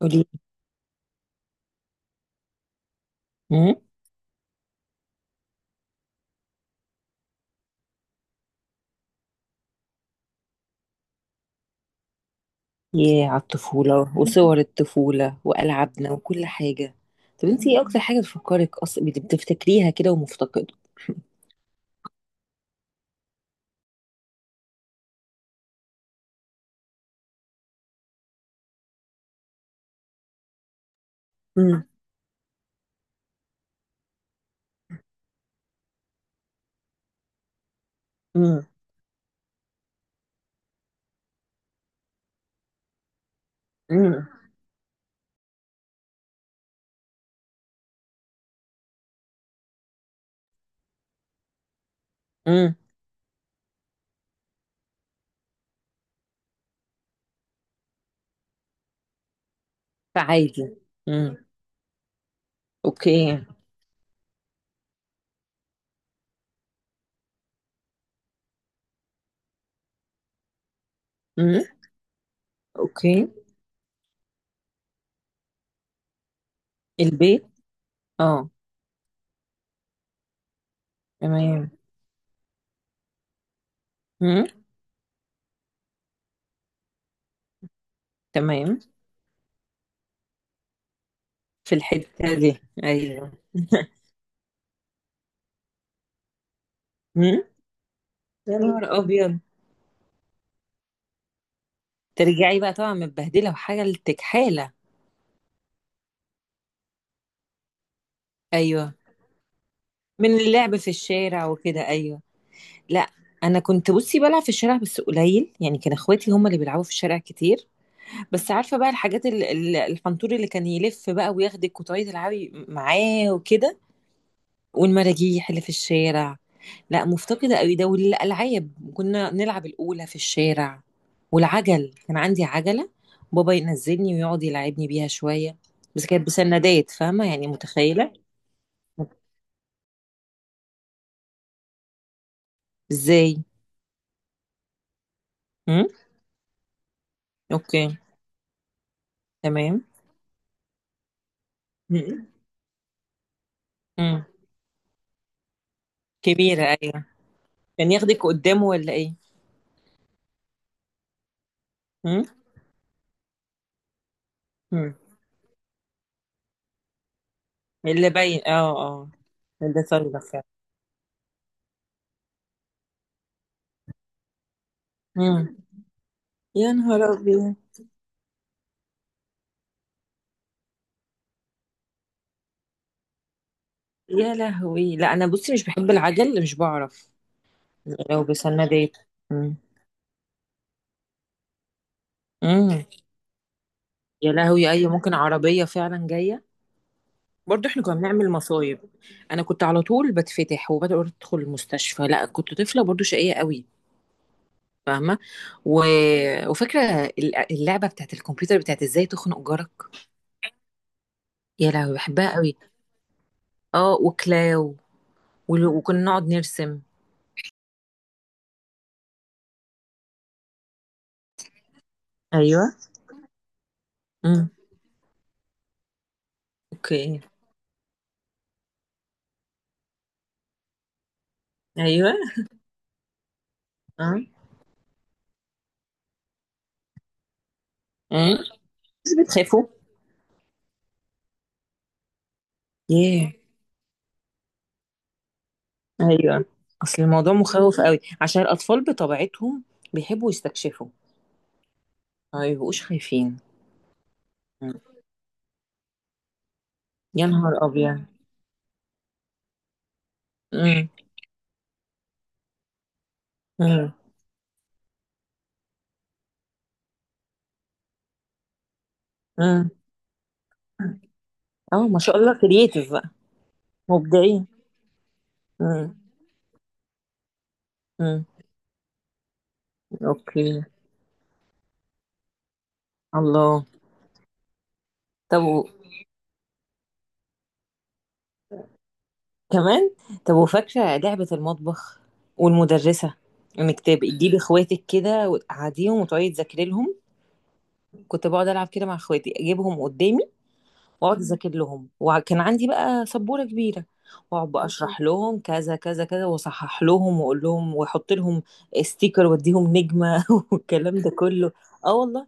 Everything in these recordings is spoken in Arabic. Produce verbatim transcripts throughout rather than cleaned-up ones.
قولي. امم. ياه على الطفولة وصور الطفولة وألعابنا وكل حاجة. طب انتي ايه أكتر حاجة بتفكرك أصلا بت- بتفتكريها كده ومفتقدة؟ امم. امم. امم. امم. فعادي. امم. اوكي. امم. اوكي. البيت. اه. تمام. امم. تمام. في الحتة دي. ايوه. امم. يا نهار أبيض. ترجعي بقى طبعا متبهدلة وحاجة لتكحالة. ايوه، من اللعب في الشارع وكده. ايوه. لا، انا كنت بصي بلعب في الشارع بس قليل، يعني كان اخواتي هم اللي بيلعبوا في الشارع كتير. بس عارفه بقى الحاجات، ال- ال- الحنطور اللي كان يلف بقى وياخدك وتقعدي تلعبي معاه وكده. والمراجيح اللي في الشارع. لا مفتقده قوي ده، والالعاب كنا نلعب الاولى في الشارع. والعجل، كان عندي عجله. بابا ينزلني ويقعد يلعبني بيها شويه، بس كانت بسندات، فاهمه يعني، متخيله ازاي. امم. اوكي. تمام. امم. أمم. كبيره أيوة. كان ياخدك قدامه ولا ايه؟ هم؟ هم. اللي باين اه. اه. اللي صاير فعلا. هم. يا نهار ابيض. يا لهوي، لا انا بصي مش بحب العجل، مش بعرف. لو بسندات. هم. هم. يا لهوي، اي ممكن عربيه فعلا جايه. برضه احنا كنا بنعمل مصايب. انا كنت على طول بتفتح وبدخل ادخل المستشفى، لا كنت طفله برضه شقيه قوي، فاهمه. و... وفاكره ال- اللعبه بتاعت الكمبيوتر، بتاعت ازاي تخنق جارك. يا لهوي بحبها قوي. اه، وكلاو. ول- وكنا نقعد نرسم. ايوه. امم. اوكي. ايوه. اه. اه. بس بتخافوا. ياه. ايوه. اصل الموضوع مخوف قوي، عشان الاطفال بطبيعتهم بيحبوا يستكشفوا، ما بيبقوش خايفين. مم. يا نهار ابيض. امم. امم. امم. اه، ما شاء الله، كرييتيف بقى. مبدعين. امم. امم. اوكي. الله. طب و... كمان. طب وفاكره لعبه المطبخ والمدرسه؟ انك تبقي تجيبي اخواتك كده وتقعديهم وتقعدي تذاكري لهم. كنت بقعد العب كده مع اخواتي، اجيبهم قدامي واقعد مم. اذاكر لهم، وكان عندي بقى سبوره كبيره، واقعد بقى اشرح لهم كذا كذا كذا، واصحح لهم واقول لهم واحط لهم ستيكر، واديهم نجمه والكلام ده كله. اه والله.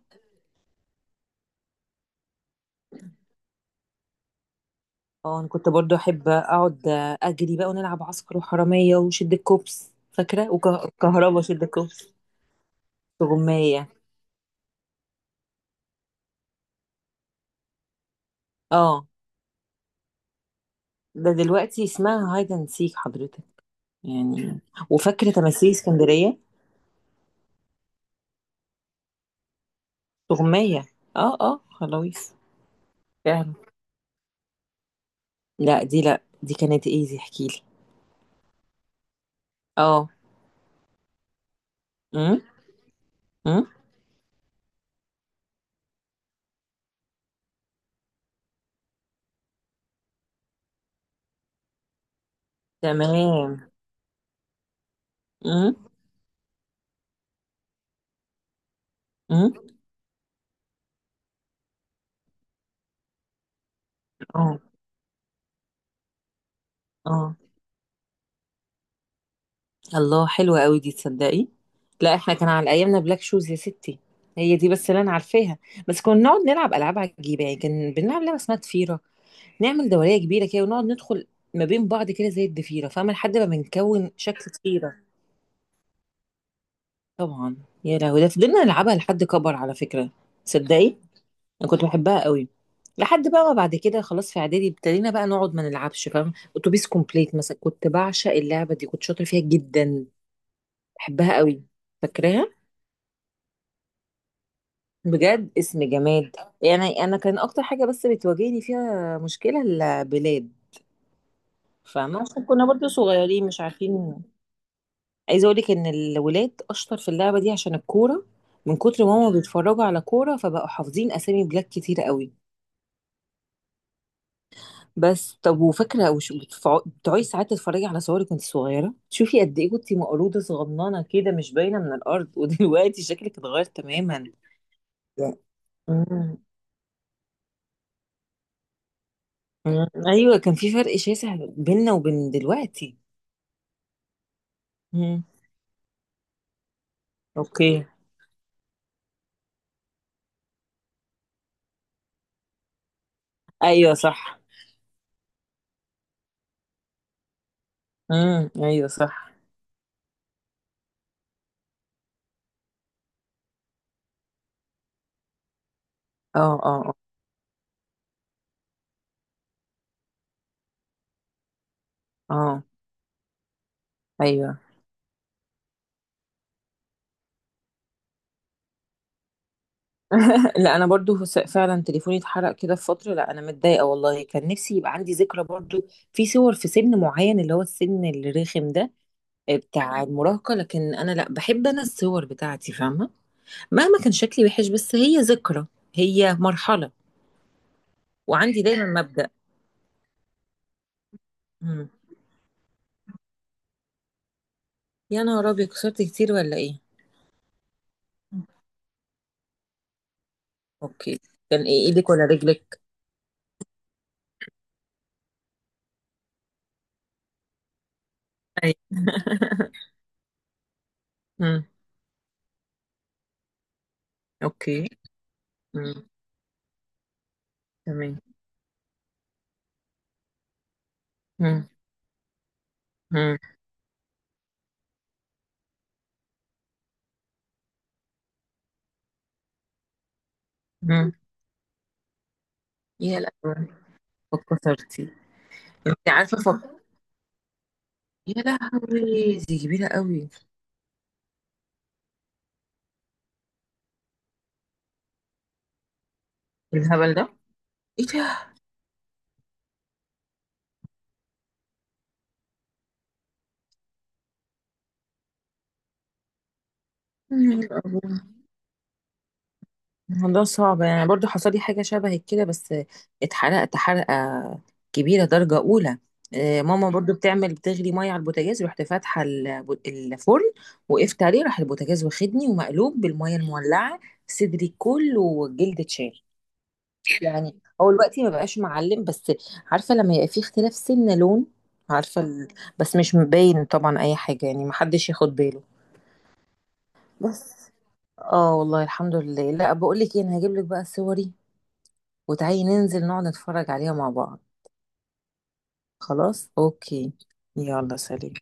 اه، انا كنت برضو احب اقعد اجري بقى، ونلعب عسكر وحراميه وشد الكوبس، فاكره، وكهربا، شد الكوبس. وغمية. اه. ده دلوقتي اسمها هايد اند سيك حضرتك، يعني. وفاكره تماثيل اسكندريه. غمية. اه اه، خلاويص. فاهمة. لا، دي، لا، دي كانت ايه، دي احكيلي. اه. امم. امم. تمام. امم. امم. اه. اه. الله، حلوة قوي دي، تصدقي. لا، احنا كان على ايامنا بلاك شوز يا ستي. هي دي بس اللي انا عارفاها. بس كنا نقعد نلعب العاب عجيبه، يعني كان بنلعب لعبه اسمها ضفيره، نعمل دوريه كبيره كده ونقعد ندخل ما بين بعض كده زي الضفيره، فاهمه، لحد ما بنكون شكل ضفيره. طبعا. يا لهوي، ده فضلنا نلعبها لحد كبر، على فكره. تصدقي، انا كنت بحبها قوي، لحد بقى ما بعد كده خلاص، في اعدادي ابتدينا بقى نقعد ما نلعبش، فاهم؟ اتوبيس كومبليت مثلا، كنت بعشق اللعبه دي، كنت شاطره فيها جدا، بحبها قوي. فاكراها؟ بجد، اسم جماد. يعني انا كان اكتر حاجه بس بتواجهني فيها مشكله البلاد. فاهمة، عشان كنا برضو صغيرين مش عارفين. عايزة اقولك ان الولاد اشطر في اللعبة دي عشان الكورة، من كتر ما هما بيتفرجوا على كورة فبقوا حافظين اسامي بلاد كتير قوي. بس طب وفاكره، وش بتفع- بتقعدي ساعات تتفرجي على صورك وانت صغيره، تشوفي قد ايه كنتي مقروضه صغننه كده، مش باينه من الارض، ودلوقتي شكلك اتغير تماما، يعني. مم. مم. ايوه، كان في فرق شاسع بيننا وبين دلوقتي. مم. اوكي. ايوه صح. مم. ايوه صح. اه اه اه. آه. ايوه. لا، انا برضو س- فعلا تليفوني اتحرق كده في فتره. لا انا متضايقه والله، كان نفسي يبقى عندي ذكرى برضو، في صور في سن معين، اللي هو السن الرخم ده بتاع المراهقة. لكن أنا لأ، بحب أنا الصور بتاعتي، فاهمة، مهما كان شكلي وحش، بس هي ذكرى، هي مرحلة. وعندي دايما مبدأ. مم. يا نهار أبيض، كسرت كتير ولا إيه؟ أوكي. كان إيه، إيدك ولا رجلك؟ أيوة. مم. أوكي. مم. تمام. مم. مم. مم. يا لهوي. فكسرتي. أنت عارفة فك. يا لهوي، دي كبيرة قوي. الهبل ده. إيه ده؟ يا أبوي. الموضوع صعب، يعني برضو حصل لي حاجة شبه كده، بس اتحرقت حرقة كبيرة درجة أولى. آه، ماما برضو بتعمل بتغلي مية على البوتاجاز، رحت فاتحة الب- الفرن، وقفت عليه، راح البوتاجاز واخدني ومقلوب بالمية المولعة، صدري كله والجلد اتشال. يعني هو دلوقتي ما بقاش معلم، بس عارفة لما يبقى في اختلاف سن لون، عارفة ال... بس مش مبين طبعا أي حاجة، يعني محدش ياخد باله، بس. اه والله الحمد لله. لا، بقول لك ايه، انا هجيب لك بقى صوري وتعالي ننزل نقعد نتفرج عليها مع بعض. خلاص اوكي. يلا، سلام.